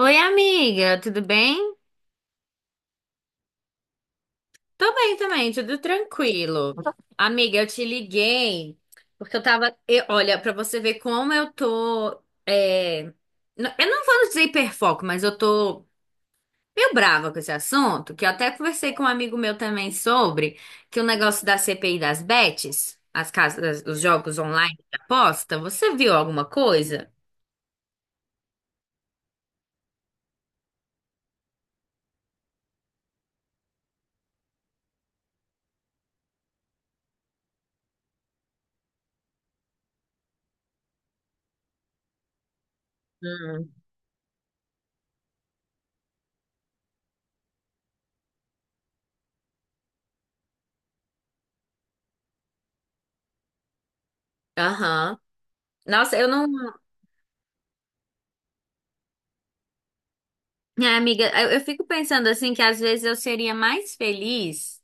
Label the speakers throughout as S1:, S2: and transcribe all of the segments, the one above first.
S1: Oi, amiga, tudo bem? Tô bem também, tudo tranquilo. Amiga, eu te liguei porque olha, pra você ver como eu tô. é, n- eu não vou dizer hiperfoco, mas eu tô meio brava com esse assunto, que eu até conversei com um amigo meu também sobre, que o negócio da CPI das bets, as casas, os jogos online de aposta, você viu alguma coisa? Hum. Aham. Nossa, eu não. Minha amiga, eu fico pensando assim que às vezes eu seria mais feliz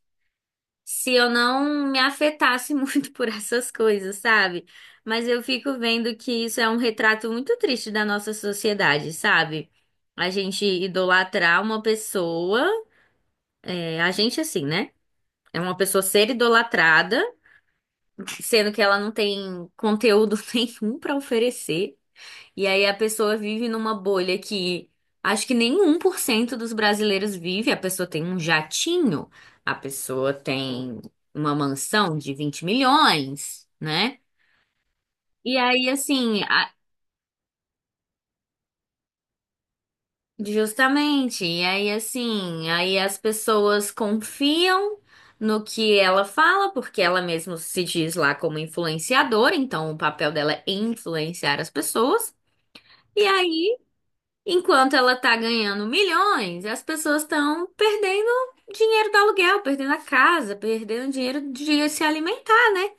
S1: se eu não me afetasse muito por essas coisas, sabe? Mas eu fico vendo que isso é um retrato muito triste da nossa sociedade, sabe? A gente idolatrar uma pessoa, a gente assim, né? É uma pessoa ser idolatrada, sendo que ela não tem conteúdo nenhum pra oferecer. E aí a pessoa vive numa bolha que acho que nem 1% dos brasileiros vive. A pessoa tem um jatinho, a pessoa tem uma mansão de 20 milhões, né? E aí, assim, justamente. E aí, assim, aí as pessoas confiam no que ela fala, porque ela mesma se diz lá como influenciadora, então o papel dela é influenciar as pessoas. E aí, enquanto ela tá ganhando milhões, as pessoas estão perdendo dinheiro do aluguel, perdendo a casa, perdendo dinheiro de se alimentar, né?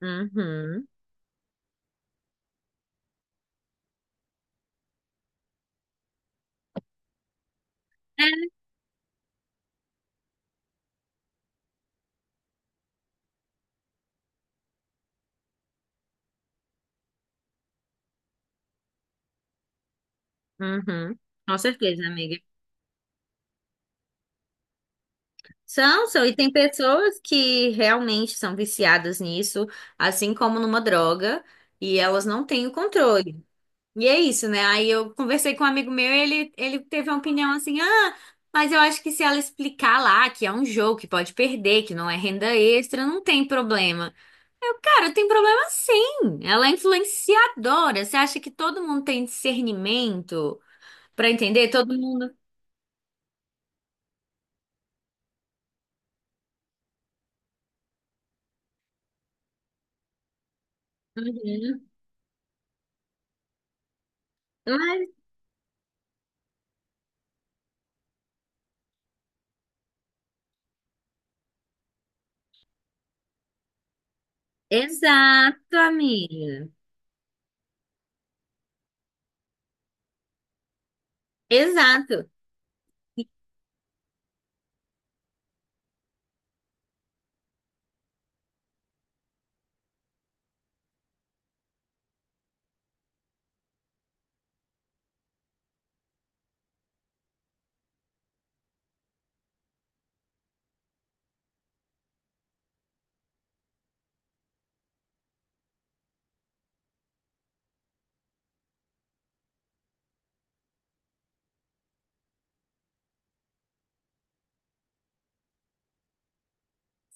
S1: Uhum, uhum. Com certeza, amiga. São, são, e tem pessoas que realmente são viciadas nisso, assim como numa droga, e elas não têm o controle. E é isso, né? Aí eu conversei com um amigo meu e ele teve uma opinião assim: ah, mas eu acho que se ela explicar lá que é um jogo que pode perder, que não é renda extra, não tem problema. Eu, cara, tem problema sim. Ela é influenciadora. Você acha que todo mundo tem discernimento pra entender? Todo mundo. Uhum. Mas- Exato, amiga. Exato.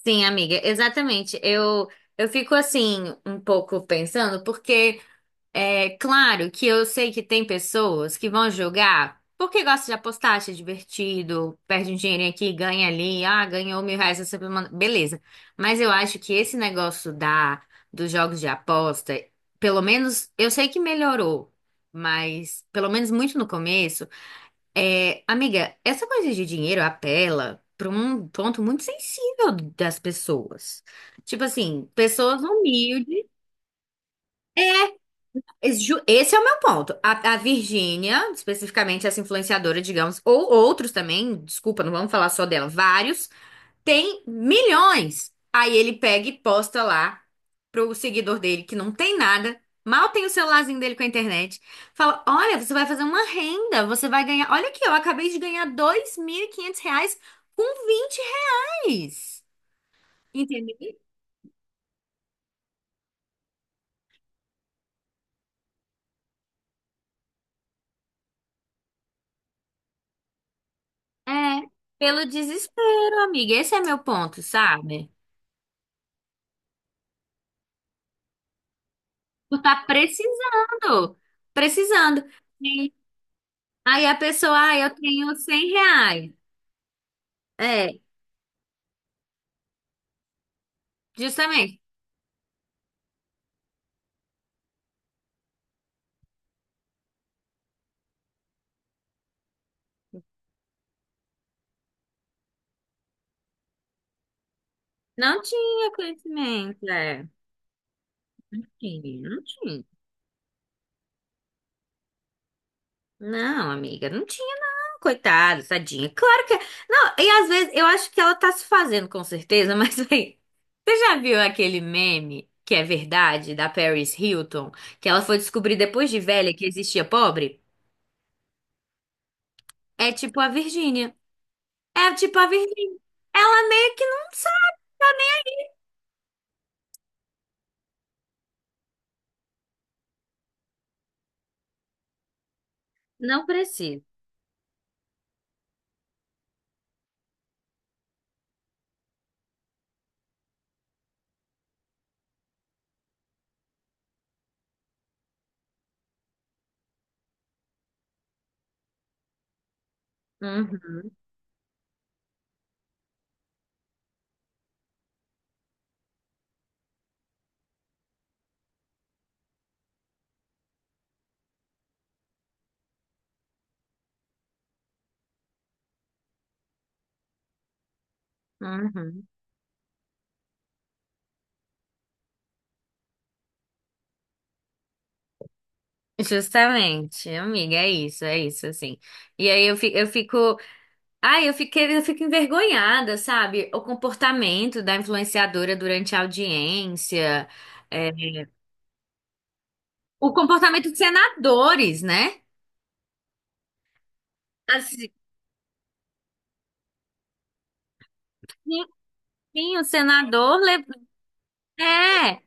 S1: Sim, amiga, exatamente. Eu fico assim um pouco pensando. Porque. É claro que eu sei que tem pessoas que vão jogar porque gosta de apostar, acha divertido, perde um dinheirinho aqui, ganha ali, ah, ganhou 1.000 reais essa semana, beleza. Mas eu acho que esse negócio dos jogos de aposta, pelo menos, eu sei que melhorou, mas pelo menos muito no começo, é, amiga, essa coisa de dinheiro apela para um ponto muito sensível das pessoas. Tipo assim, pessoas humildes. Esse é o meu ponto. A Virgínia, especificamente essa influenciadora, digamos, ou outros também, desculpa, não vamos falar só dela, vários, tem milhões. Aí ele pega e posta lá pro seguidor dele, que não tem nada, mal tem o celularzinho dele com a internet. Fala: olha, você vai fazer uma renda, você vai ganhar. Olha aqui, eu acabei de ganhar 2.500 reais com 20 reais. Entendeu? É, pelo desespero, amiga. Esse é meu ponto, sabe? Por tá precisando, precisando. E aí a pessoa, ah, eu tenho 100 reais. É, justamente. Não tinha conhecimento, é. Não tinha, não tinha. Não, amiga, não tinha, não. Coitada, tadinha. Claro que. Não, e às vezes eu acho que ela tá se fazendo com certeza, mas aí. Você já viu aquele meme que é verdade da Paris Hilton? Que ela foi descobrir depois de velha que existia pobre? É tipo a Virgínia. É tipo a Virgínia. Ela meio que não sabe. Não precisa. Uhum, uhum. Justamente, amiga, é isso, assim. E aí eu fico, ai, eu fiquei, eu fico envergonhada, sabe? O comportamento da influenciadora durante a audiência, é, o comportamento dos senadores, né? Assim, sim, sim, o senador é.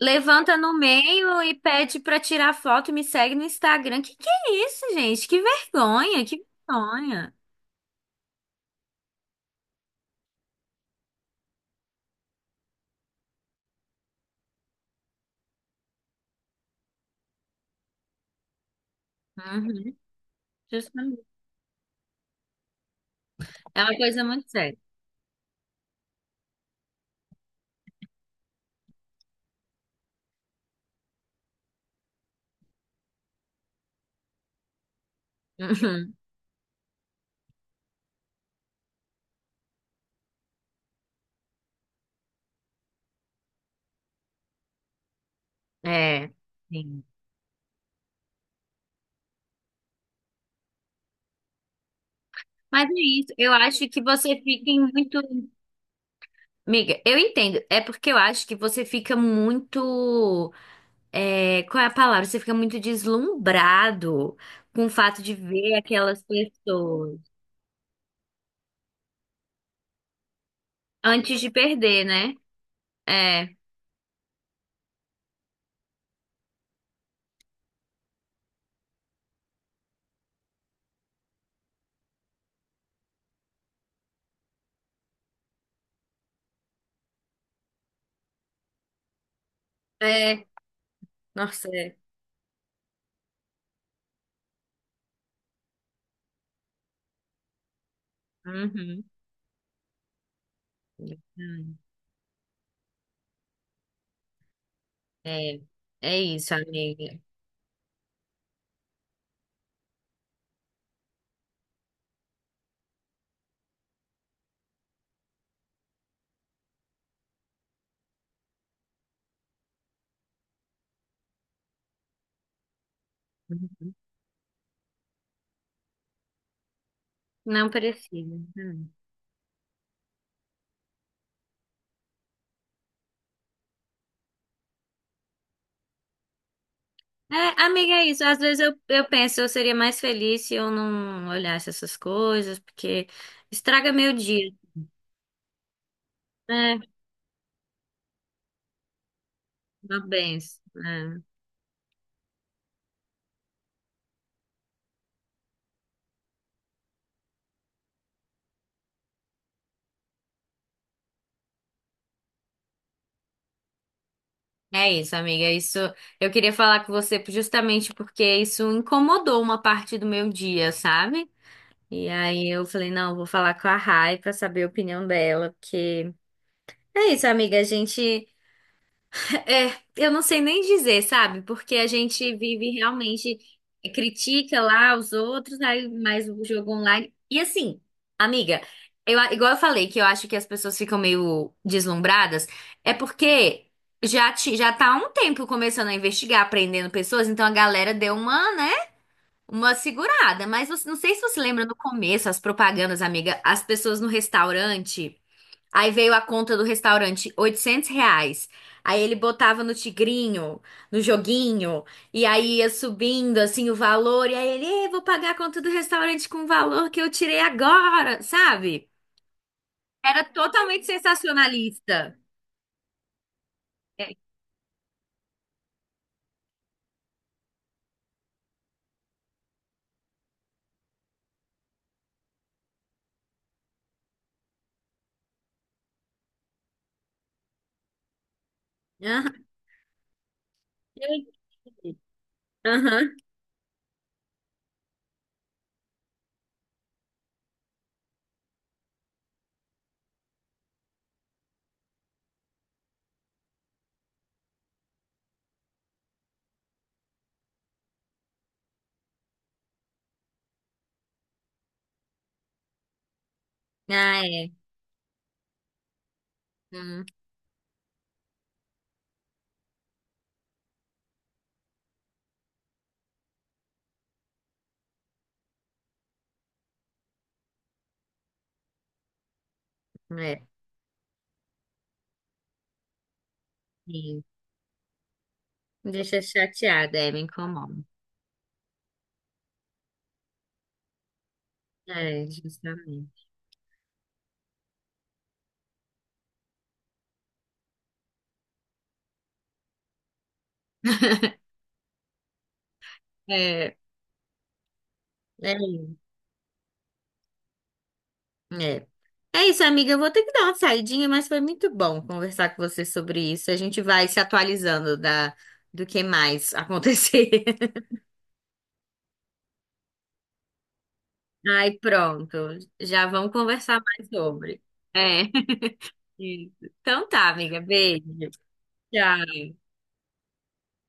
S1: Levanta no meio e pede pra tirar foto e me segue no Instagram. Que é isso, gente? Que vergonha, que vergonha. Uhum, justamente. É uma coisa muito séria. Uhum, é, sim. Mas é isso. Eu acho que você fica em muito. Miga, eu entendo. É porque eu acho que você fica muito. Qual é a palavra? Você fica muito deslumbrado com o fato de ver aquelas pessoas antes de perder, né? É, é. Nossa, é. Uhum. Hum. É, é isso, amiga. Não precisa. Hum. É, amiga, é isso. Às vezes eu penso, eu seria mais feliz se eu não olhasse essas coisas, porque estraga meu dia, né? Uma benção. É. É isso, amiga. Isso eu queria falar com você justamente porque isso incomodou uma parte do meu dia, sabe? E aí eu falei, não, vou falar com a Rai pra saber a opinião dela, porque é isso, amiga. A gente. É, eu não sei nem dizer, sabe? Porque a gente vive realmente, critica lá os outros, aí mais o jogo online. E assim, amiga, eu, igual eu falei que eu acho que as pessoas ficam meio deslumbradas, é porque já tá há um tempo começando a investigar, prendendo pessoas, então a galera deu uma, né? Uma segurada. Não sei se você lembra no começo, as propagandas, amiga, as pessoas no restaurante. Aí veio a conta do restaurante, 800 reais. Aí ele botava no tigrinho, no joguinho, e aí ia subindo assim o valor, e aí ele, "Ei, vou pagar a conta do restaurante com o valor que eu tirei agora, sabe? Era totalmente sensacionalista. É. Aham. Aham. Ah, é. Hum, é. Sim. Me deixa chateada, é, me incomoda. É, justamente. É, é. É. É isso, amiga. Eu vou ter que dar uma saidinha, mas foi muito bom conversar com você sobre isso. A gente vai se atualizando do que mais acontecer. Ai, pronto. Já vamos conversar mais sobre. É. Isso. Então tá, amiga. Beijo. Tchau.